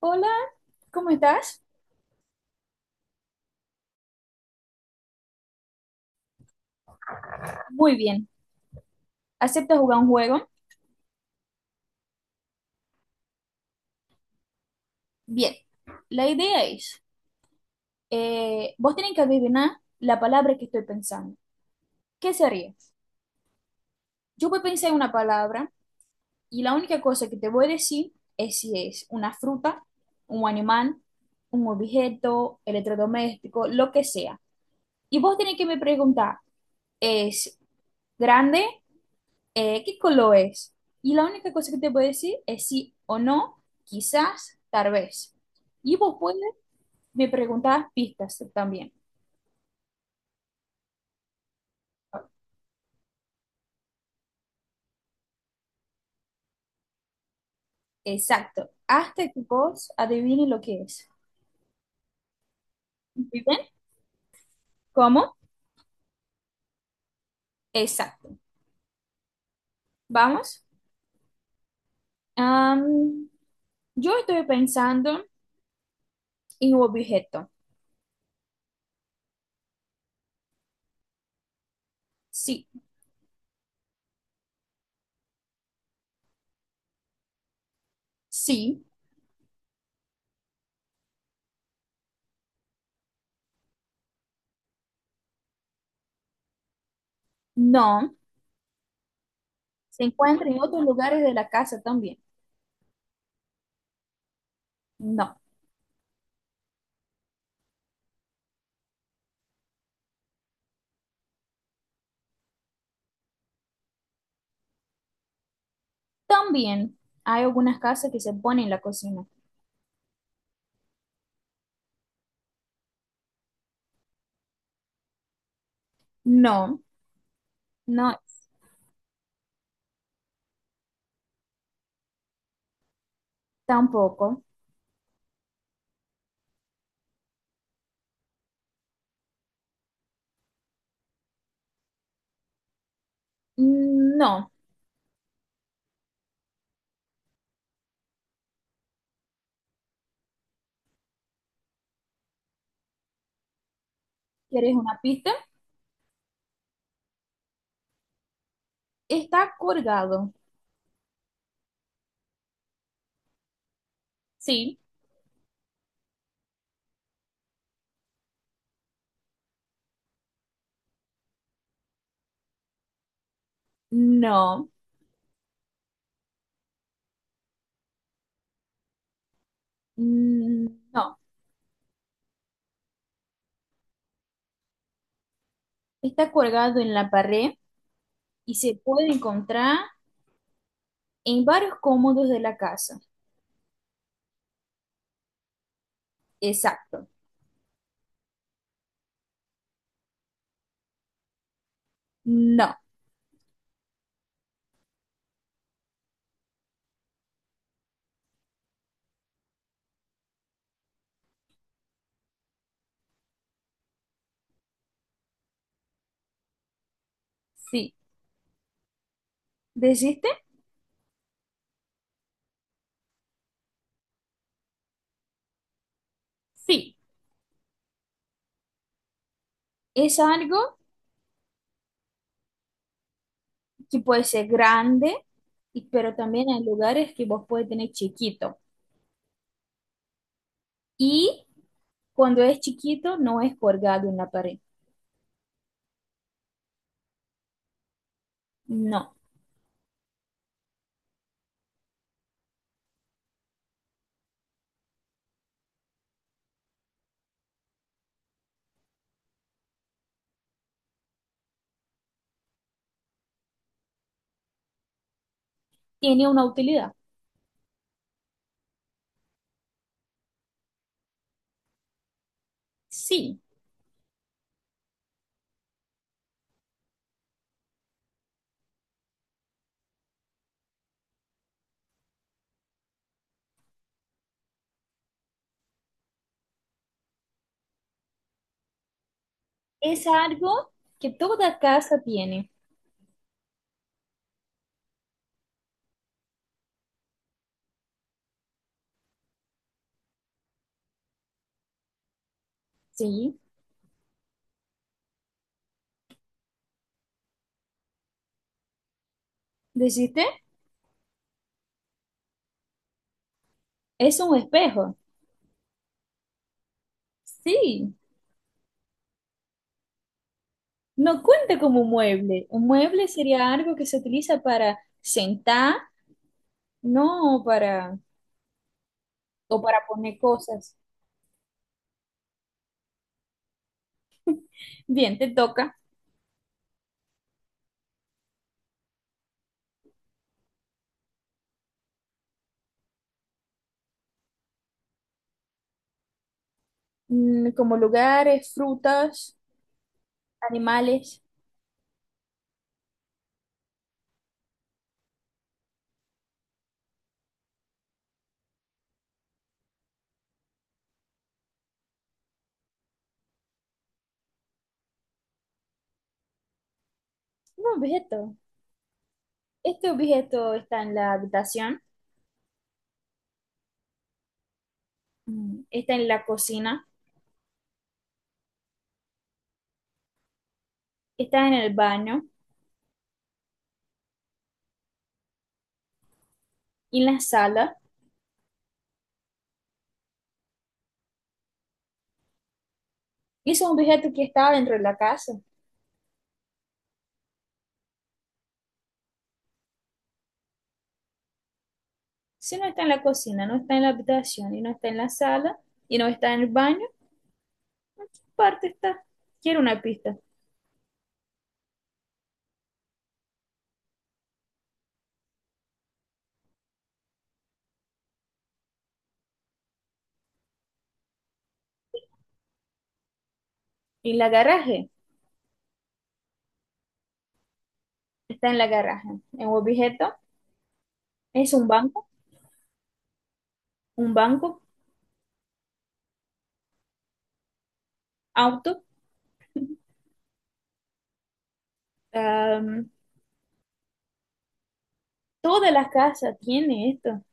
Hola, ¿cómo estás? Muy bien. ¿Aceptas jugar un juego? Bien. La idea es, vos tenés que adivinar la palabra que estoy pensando. ¿Qué sería? Yo voy a pensar en una palabra y la única cosa que te voy a decir es si es una fruta, un animal, un objeto, electrodoméstico, lo que sea. Y vos tenés que me preguntar, ¿es grande? ¿Qué color es? Y la única cosa que te puedo decir es sí o no, quizás, tal vez. Y vos puedes me preguntar pistas también. Exacto. Hasta que vos adivine lo que es. ¿Muy bien? ¿Cómo? Exacto. Vamos. Am, yo estoy pensando en un objeto. Sí, sí, no. Se encuentra en otros lugares de la casa también. No. También hay algunas casas que se ponen en la cocina. No. No, tampoco. Mm, no. ¿Quieres una pista? Está colgado. Sí. No. Mm, no. Está colgado en la pared y se puede encontrar en varios cómodos de la casa. Exacto. No. Sí. ¿Desiste? Sí. Es algo que puede ser grande, y- pero también hay lugares que vos puedes tener chiquito. Y cuando es chiquito, no es colgado en la pared. No. Tiene una utilidad. Sí, es algo que toda casa tiene. Sí. ¿Dijiste? Es un espejo. Sí. No cuenta como un mueble. Un mueble sería algo que se utiliza para sentar, no para, o para poner cosas. Bien, te toca. Mm, como lugares, frutas, animales. Un objeto. Este objeto está en la habitación, mm, está en la cocina, está en el baño, y en la sala. Y es un objeto que está dentro de la casa. Si no está en la cocina, no está en la habitación, y no está en la sala, y no está en el baño, parte está. Quiero una pista. En la garaje, está en la garaje. Es un objeto, es un banco, auto. Am, toda la casa tiene esto.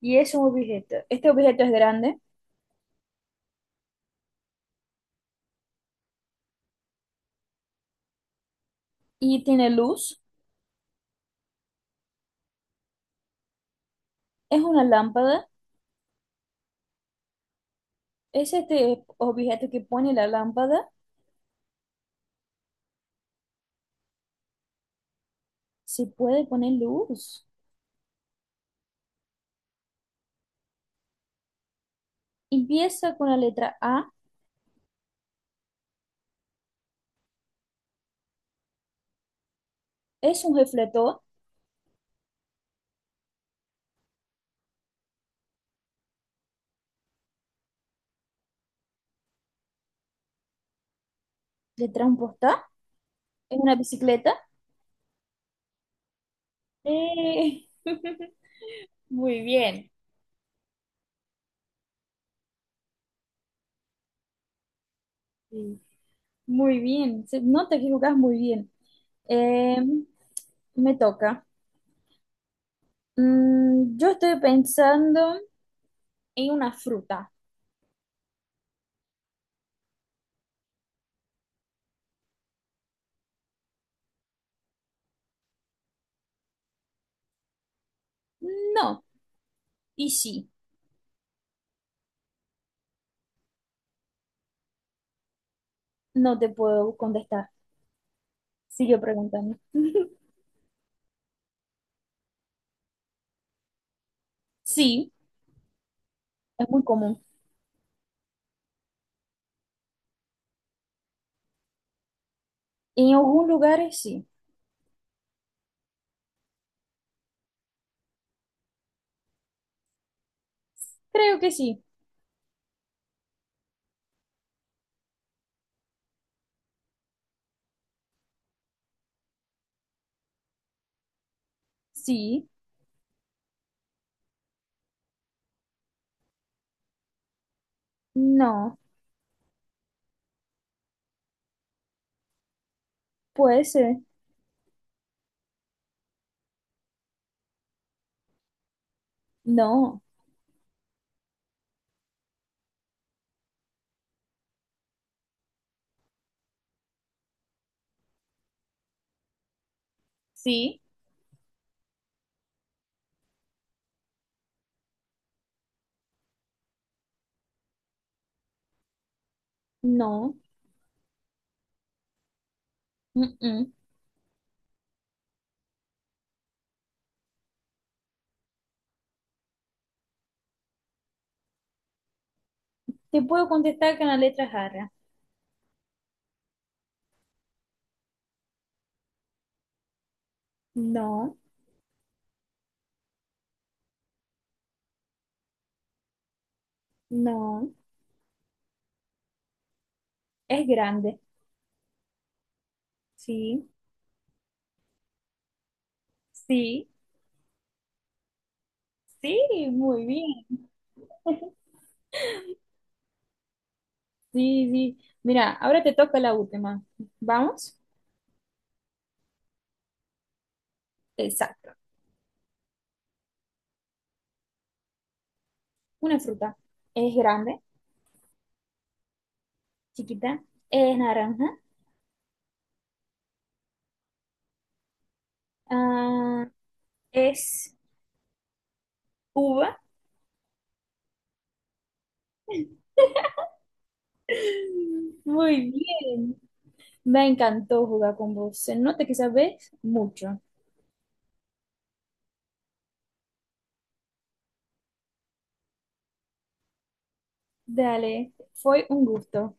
Y es un objeto. Este objeto es grande y tiene luz. Es una lámpara. Es este objeto que pone la lámpara. Se puede poner luz. Empieza con la letra A. Es un refletor de transportar en una bicicleta. Eh, Muy bien, sí, muy bien. Se nota que jugás muy bien. Eh, me toca. Mm, yo estoy pensando en una fruta. No, y sí, no te puedo contestar. Sigue preguntando. Sí, es muy común. En algunos lugares sí. Creo que sí. Sí, no, puede ser. No. Sí, no, mm, mm. Te puedo contestar con la letra jarra. No, no, es grande. Sí, sí, sí, muy bien. Sí, sí. Mira, ahora te toca la última. ¿Vamos? Exacto. Una fruta. Es grande, chiquita, es naranja, ah, es uva. Muy bien. Me encantó jugar con vos. Se nota que sabés mucho. Dale, fue un gusto.